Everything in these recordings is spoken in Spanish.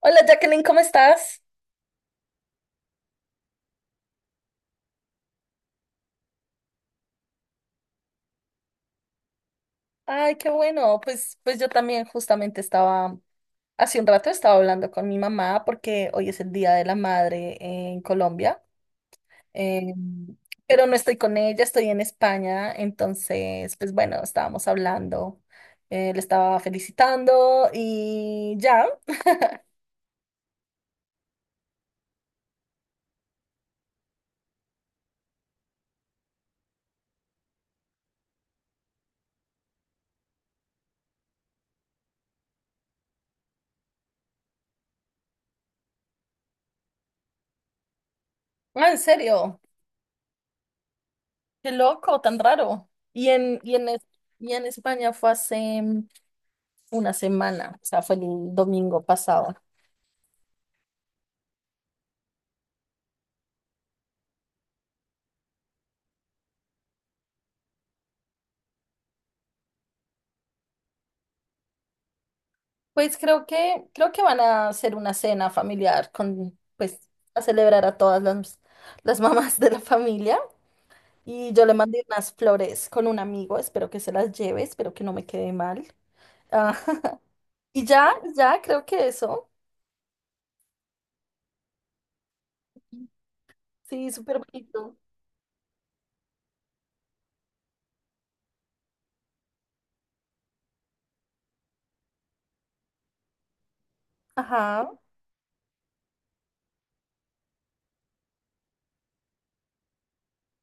Hola Jacqueline, ¿cómo estás? Ay, qué bueno. Pues yo también justamente hace un rato estaba hablando con mi mamá porque hoy es el Día de la Madre en Colombia, eh, pero no estoy con ella, estoy en España, entonces, pues bueno, estábamos hablando, le estaba felicitando y ya. Ah, en serio, qué loco, tan raro. Y en España fue hace una semana, o sea, fue el domingo pasado. Pues creo que van a hacer una cena familiar con, pues, a celebrar a las mamás de la familia. Y yo le mandé unas flores con un amigo, espero que se las lleve, espero que no me quede mal. Ah, y ya, creo que eso. Sí, súper bonito. Ajá.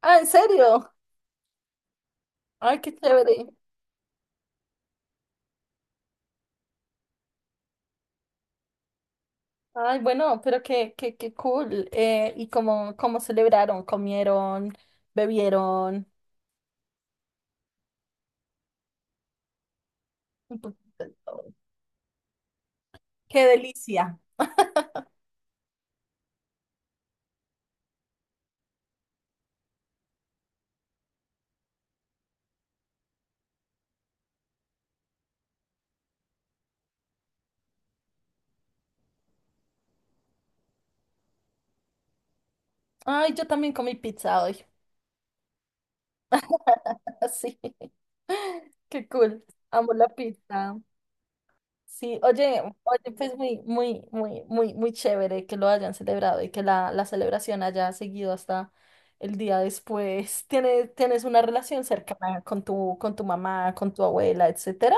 Ah, ¿en serio? Ay, qué chévere. Ay, bueno, pero qué cool. ¿Y cómo celebraron? ¿Comieron? ¿Bebieron? Un poquito de todo. Qué delicia. Ay, yo también comí pizza hoy. Sí, qué cool. Amo la pizza. Sí, oye, pues muy chévere que lo hayan celebrado y que la celebración haya seguido hasta el día después. Tienes una relación cercana con con tu mamá, con tu abuela, etcétera?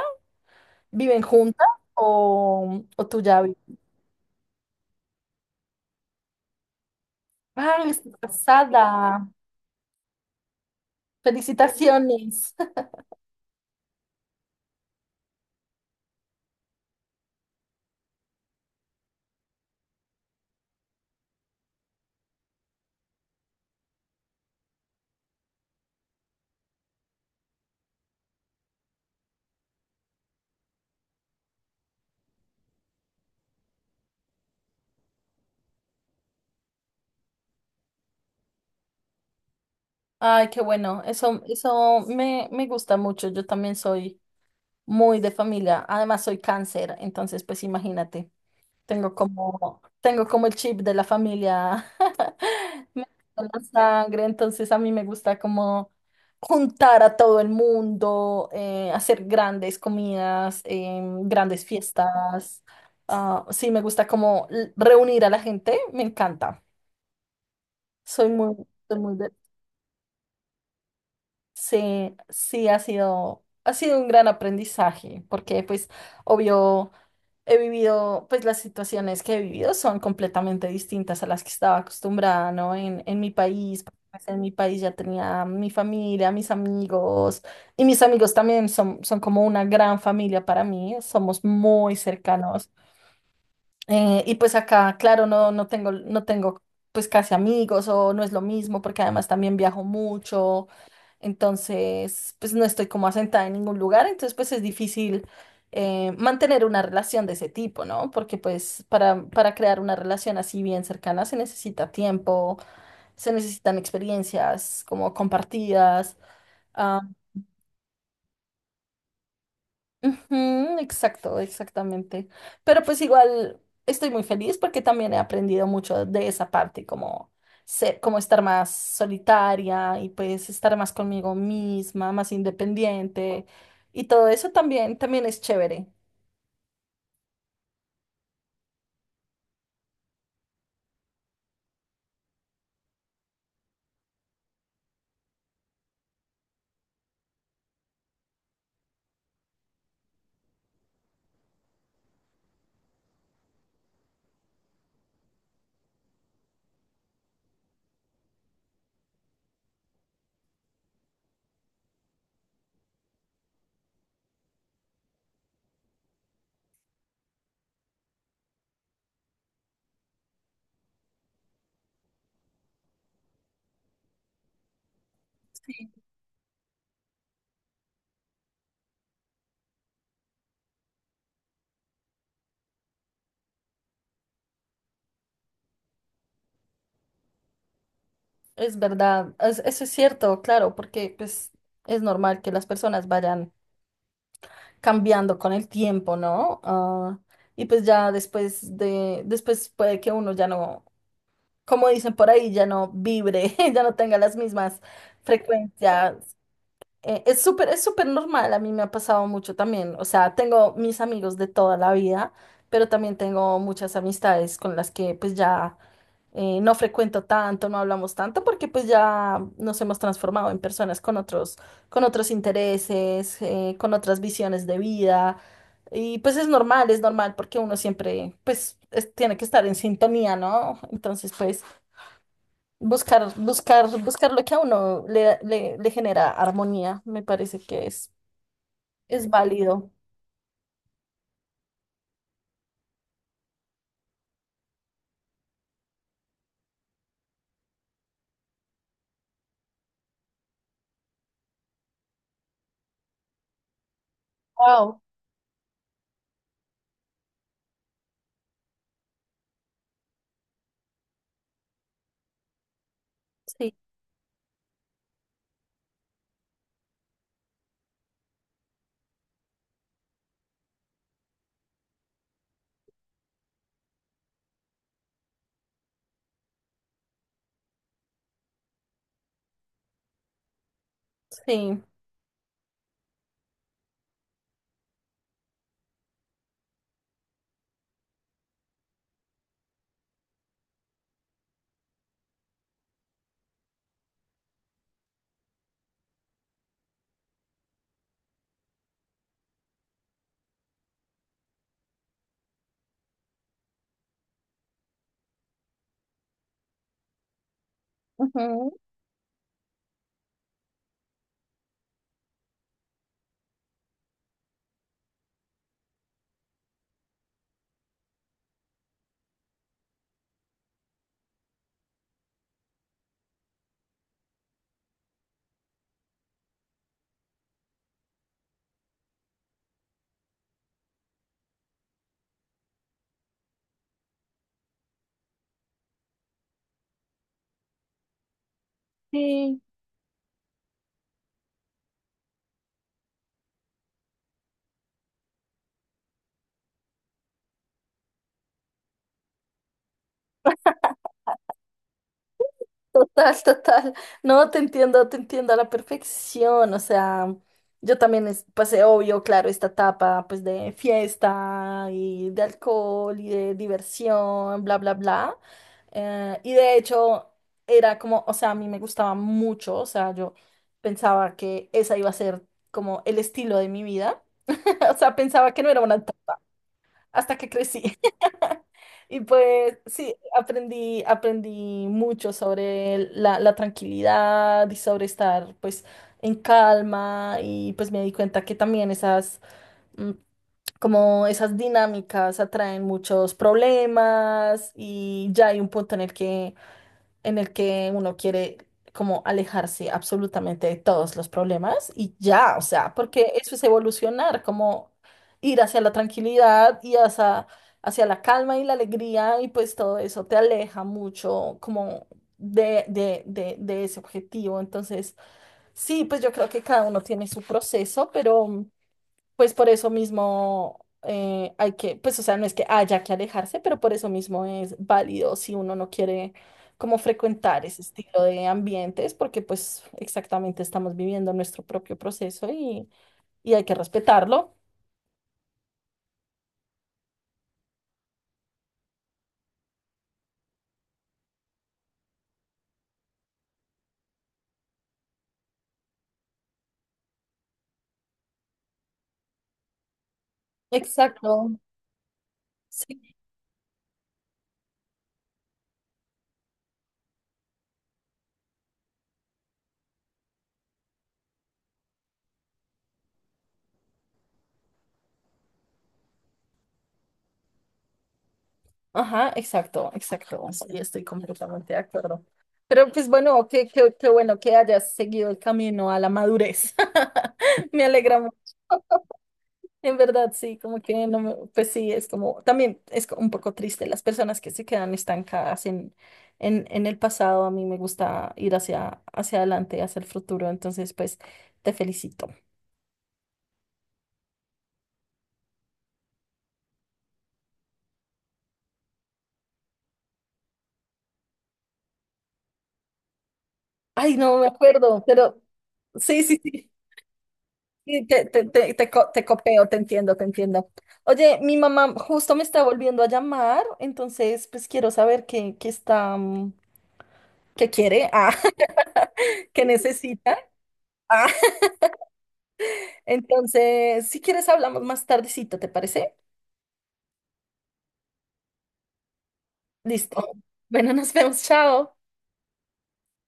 ¿Viven juntas o tú ya vives? Ah, estás casada. Felicitaciones. Ay, qué bueno. Eso me gusta mucho. Yo también soy muy de familia. Además, soy cáncer, entonces, pues imagínate, tengo como el chip de la familia metido en la sangre, entonces a mí me gusta como juntar a todo el mundo, hacer grandes comidas, grandes fiestas. Ah, sí, me gusta como reunir a la gente, me encanta. Soy muy, soy muy de- Sí, ha ha sido un gran aprendizaje, porque pues, obvio he vivido, pues las situaciones que he vivido son completamente distintas a las que estaba acostumbrada, ¿no? En mi país, porque, pues, en mi país ya tenía mi familia, mis amigos, y mis amigos también son, son como una gran familia para mí, somos muy cercanos. Y pues acá, claro, no tengo, no tengo pues casi amigos o no es lo mismo porque además también viajo mucho, entonces pues no estoy como asentada en ningún lugar, entonces pues es difícil mantener una relación de ese tipo, ¿no? Porque pues para crear una relación así bien cercana se necesita tiempo, se necesitan experiencias como compartidas. Ujú, exacto, exactamente. Pero pues igual estoy muy feliz porque también he aprendido mucho de esa parte, como como estar más solitaria y pues estar más conmigo misma, más independiente y todo eso también, también es chévere. Es verdad, eso es cierto, claro, porque pues es normal que las personas vayan cambiando con el tiempo, ¿no? Ah, y pues ya después después puede que uno ya no, como dicen por ahí, ya no vibre, ya no tenga las mismas frecuencias. Es súper normal, a mí me ha pasado mucho también. O sea, tengo mis amigos de toda la vida, pero también tengo muchas amistades con las que pues ya no frecuento tanto, no hablamos tanto, porque pues ya nos hemos transformado en personas con otros intereses, con otras visiones de vida. Y pues es normal, porque uno siempre pues tiene que estar en sintonía, ¿no? Entonces, pues... buscar lo que a uno le genera armonía, me parece que es válido. Wow, sí. Sí. Ujú. Sí, total, total. No, te entiendo a la perfección. O sea, yo también pasé, obvio, claro, esta etapa pues de fiesta y de alcohol y de diversión, bla, bla, bla. Y de hecho era como, o sea, a mí me gustaba mucho, o sea, yo pensaba que esa iba a ser como el estilo de mi vida. O sea, pensaba que no era una hasta que crecí. Y pues sí, aprendí mucho sobre la tranquilidad y sobre estar pues en calma y pues me di cuenta que también esas mm, como esas dinámicas atraen muchos problemas y ya hay un punto en el que uno quiere como alejarse absolutamente de todos los problemas y ya, o sea, porque eso es evolucionar, como ir hacia la tranquilidad y hacia la calma y la alegría y pues todo eso te aleja mucho como de ese objetivo. Entonces, sí, pues yo creo que cada uno tiene su proceso, pero... Pues por eso mismo hay que, pues o sea, no es que haya que alejarse, pero por eso mismo es válido si uno no quiere como frecuentar ese estilo de ambientes, porque pues exactamente estamos viviendo nuestro propio proceso y hay que respetarlo. Exacto. Sí. Ajá, exacto, exacto. Sí, estoy completamente de acuerdo. Pero pues bueno, qué bueno que hayas seguido el camino a la madurez. Me alegra mucho. En verdad, sí, como que no me, pues sí, es como, también es un poco triste las personas que se quedan estancadas en el pasado. A mí me gusta ir hacia adelante, hacia el futuro. Entonces, pues, te felicito. Ay, no me acuerdo, pero sí. Sí, te copeo, te entiendo, te entiendo. Oye, mi mamá justo me está volviendo a llamar, entonces pues quiero saber qué está, qué quiere, qué necesita. ah, Entonces, si quieres, hablamos más tardecito, ¿te parece? Listo. Bueno, nos vemos, chao.